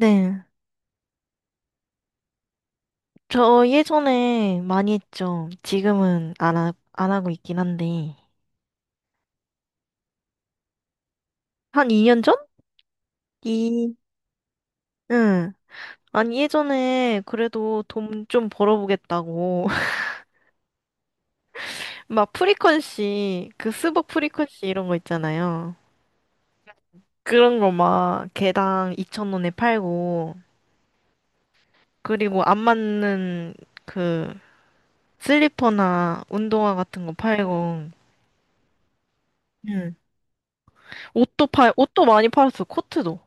네. 저 예전에 많이 했죠. 지금은 안 하고 있긴 한데. 한 2년 전? 이, 응. 아니, 예전에 그래도 돈 좀 벌어보겠다고. 막 프리퀀시, 그 스벅 프리퀀시 이런 거 있잖아요. 그런 거 막 개당 2,000원에 팔고, 그리고 안 맞는 그 슬리퍼나 운동화 같은 거 팔고, 응. 옷도 많이 팔았어. 코트도.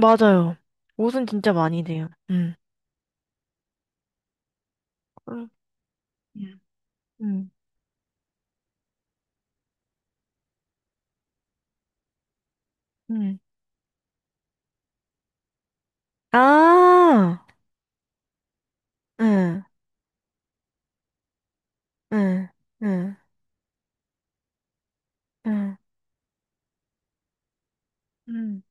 맞아요. 옷은 진짜 많이 돼요. 음. 응응 음. 음. 음. 아. 응. 응. 응. 응. 응 응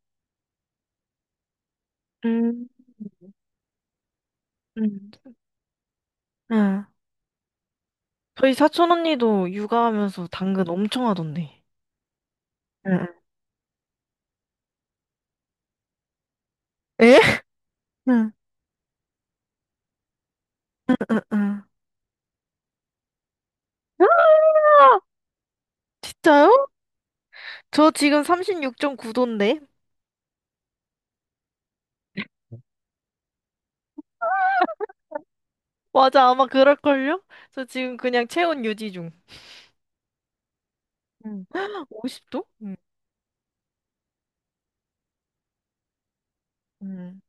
응. 응. 저희 사촌 언니도 육아하면서 당근 엄청 하던데. 응. 에? 응. 응. 응. 아! 진짜요? 저 지금 36.9도인데? 맞아, 아마 그럴걸요? 저 지금 그냥 체온 유지 중. 응. 50도? 응. 응.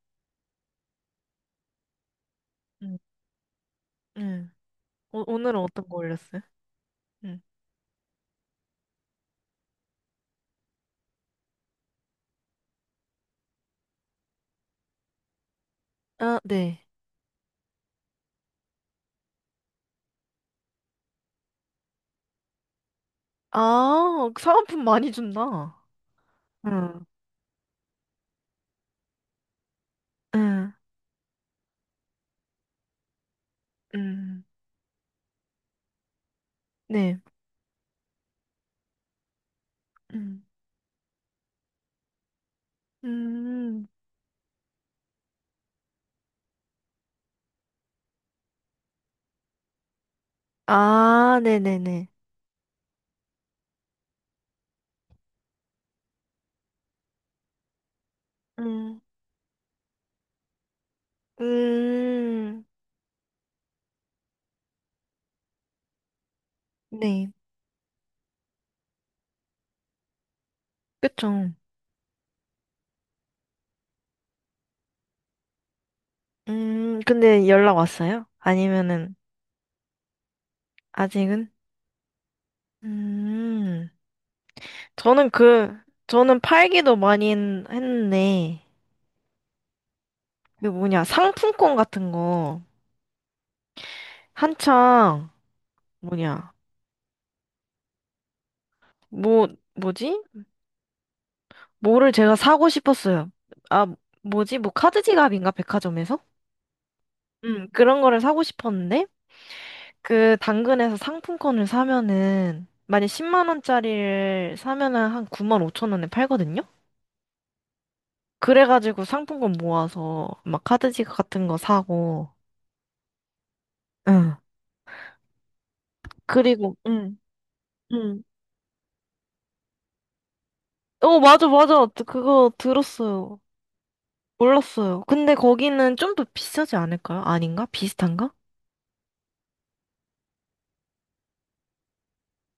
응. 응. 오, 오늘은 어떤 거 올렸어요? 응. 아, 네. 아, 사은품 많이 준다. 응. 응, 응. 네. 음, 음. 아, 네네네. 음, 음, 네. 그쵸. 근데 연락 왔어요? 아니면은, 아직은? 음, 저는 그, 저는 팔기도 많이 했는데, 그 뭐냐, 상품권 같은 거, 한창, 뭐냐, 뭐, 뭐지? 뭐를 제가 사고 싶었어요. 아, 뭐지? 뭐 카드 지갑인가? 백화점에서? 그런 거를 사고 싶었는데 그 당근에서 상품권을 사면은 만약 10만 원짜리를 사면은 한 9만 5천 원에 팔거든요. 그래가지고 상품권 모아서 막 카드 지갑 같은 거 사고. 응. 그리고 응. 응. 어, 맞아, 맞아. 그거 들었어요. 몰랐어요. 근데 거기는 좀 더 비싸지 않을까요? 아닌가? 비슷한가?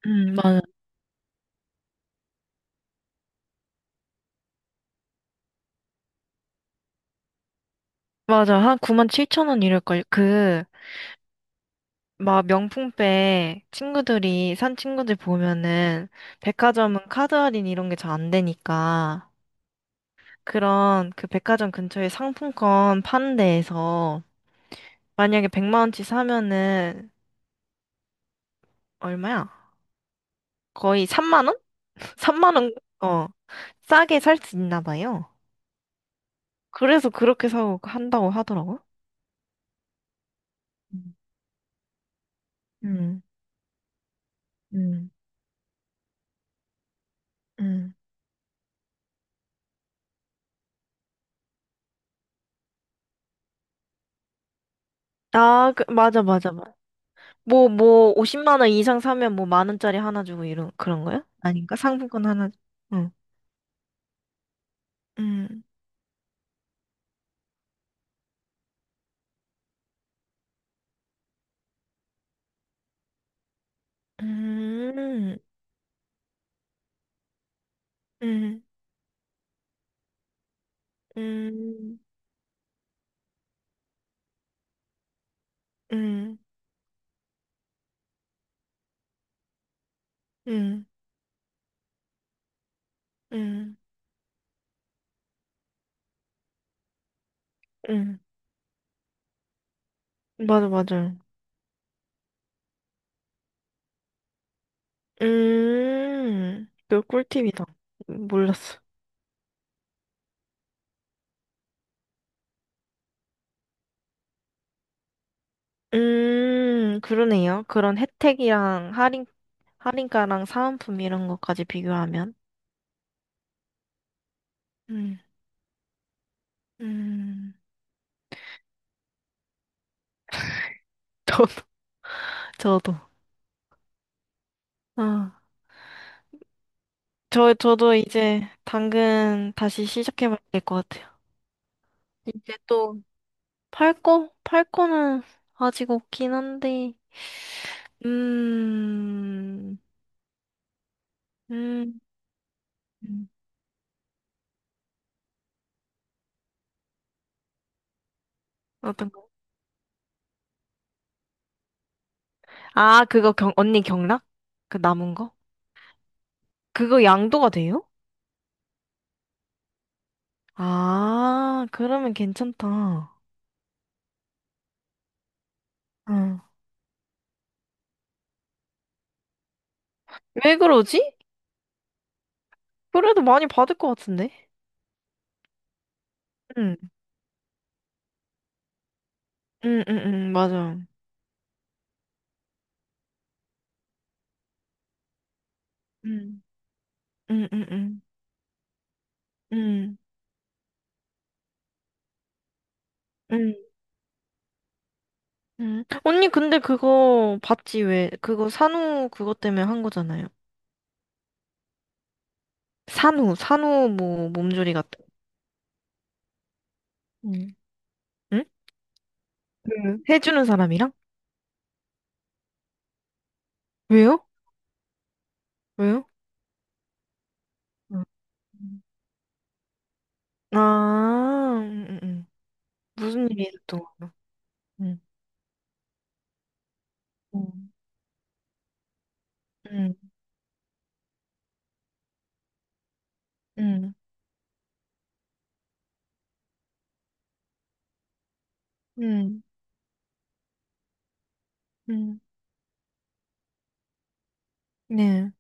맞아. 맞아. 한 9만 7천 원 이럴걸. 그, 막 명품백 친구들이 산 친구들 보면은 백화점은 카드 할인 이런 게 잘 안 되니까 그런 그 백화점 근처에 상품권 파는 데에서 만약에 100만 원치 사면은 얼마야? 거의 3만 원? 3만 원, 어, 싸게 살 수 있나 봐요. 그래서 그렇게 사고 한다고 하더라고. 음, 음, 음. 음. 아, 그, 맞아, 맞아, 뭐, 뭐, 50만 원 이상 사면 뭐 만 원짜리 하나 주고 이런, 그런 거야? 아닌가? 상품권 하나, 주- 응. 음, 음, 음, 음, 음, 음, 음, 음. 맞아, 맞아. 그 꿀팁이다. 몰랐어. 그러네요. 그런 혜택이랑 할인, 할인가랑 사은품 이런 것까지 비교하면. 음, 음, 저도, 저도. 아. 저, 저도 이제 당근 다시 시작해봐야 될 것 같아요. 이제 또 팔고? 팔고는 아직 없긴 한데, 음, 음, 음. 어떤 거? 아, 그거 경, 언니 경락? 그 남은 거? 그거 양도가 돼요? 아, 그러면 괜찮다. 응. 왜 그러지? 그래도 많이 받을 것 같은데? 응, 응, 응, 응, 맞아. 응, 응, 응, 응, 응, 응. 음. 언니, 근데 그거 봤지, 왜? 그거 산후 그거 때문에 한 거잖아요. 산후, 산후 뭐 몸조리 같은. 응? 응? 그 해주는 사람이랑? 왜요? 왜요? 음. 아, 무슨 일이 있었던 거예요? 응응 응 응 응. 네,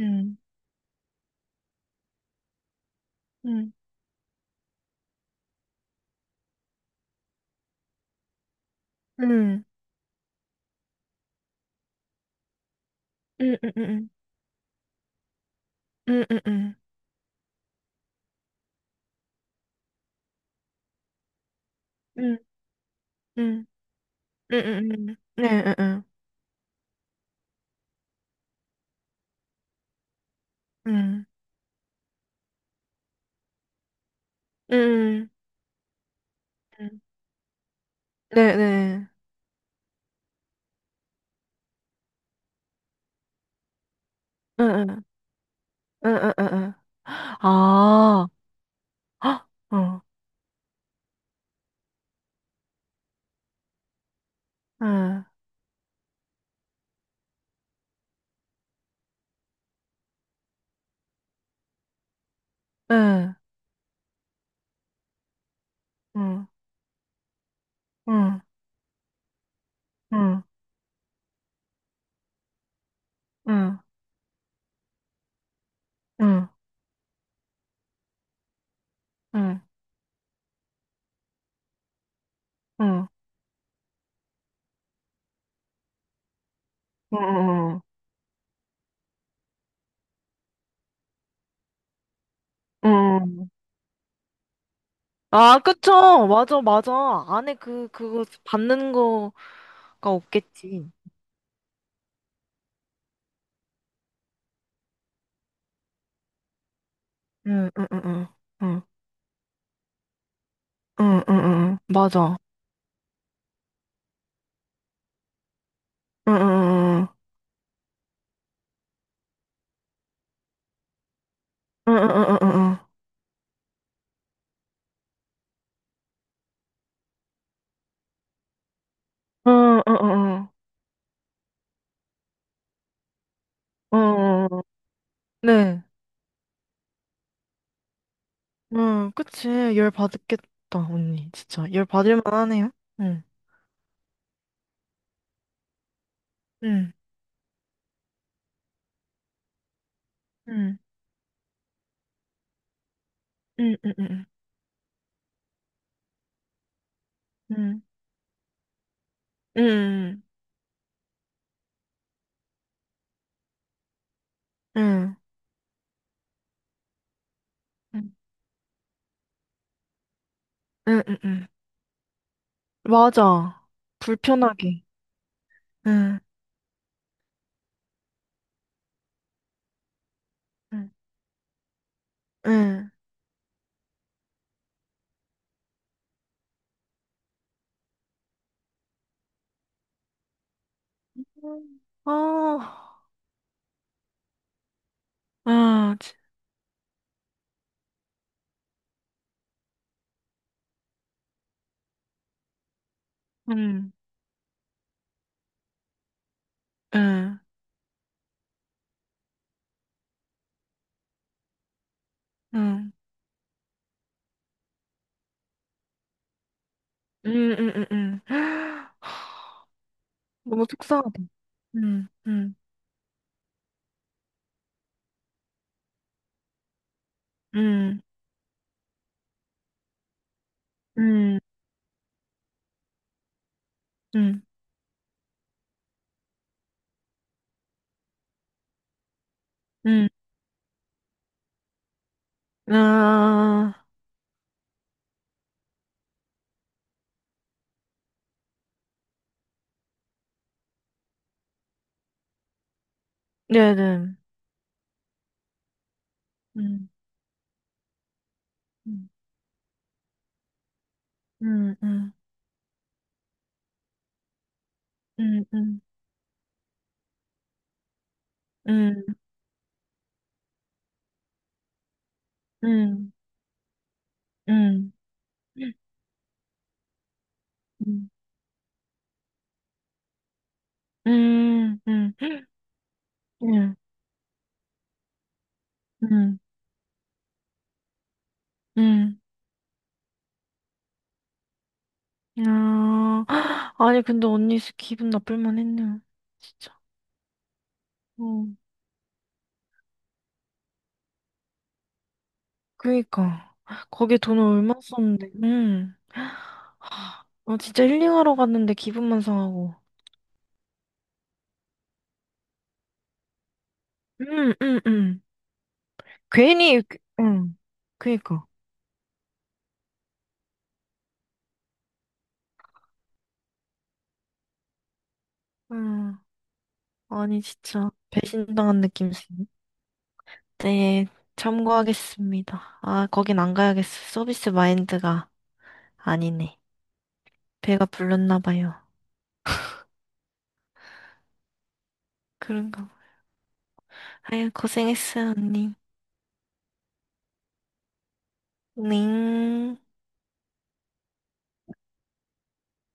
응. 응응응 응응응 응응 응 응 응 응 응 응, 응, 응, 응, 응, 응, 응. 네, 응응 응 응, 응, 네, 네, 응응 응응응응. 아, 헉, 응, 응, 응, 아, 응, 응, 응, 응, 응, 응, 응, 응, 응. 응. 아, 그쵸. 맞아, 맞아. 안에 그, 그거 받는 거가 없겠지. 응, 응, 응, 응, 응, 응, 응, 응, 맞아. 응, 응, 응, 응, 응, 응, 응, 응, 응, 응. 응 응 네. 응, 그치. 열 받겠다, 언니. 진짜. 열 받을 만하네요. 응, 응, 응, 응, 응, 응, 응, 응, 응, 응, 응, 응. 맞아. 불편하게. 응, 응, 응. 음. 아, 아, 지- 응, 응, 응, 응, 응, 응. 응. 너무 속상하다. 응, 응, 응, 응, 응, 응. 아, 네네. 응, 응, 응, 응, 응, 응, 응, 응. 응. 음, 음, 음, 음, 음. 아, 아니, 근데 언니 수 기분 나쁠 만 했네요. 진짜. 어, 그니까. 거기에 돈을 얼마 썼는데, 하, 아, 진짜 힐링하러 갔는데 기분만 상하고. 음, 음, 음. 괜히, 그- 그니까. 음, 아니, 진짜. 배신당한 느낌. 있어요. 네, 참고하겠습니다. 아, 거긴 안 가야겠어. 서비스 마인드가 아니네. 배가 불렀나 봐요. 그런가 봐. 아유, 고생했어, 언니. 네.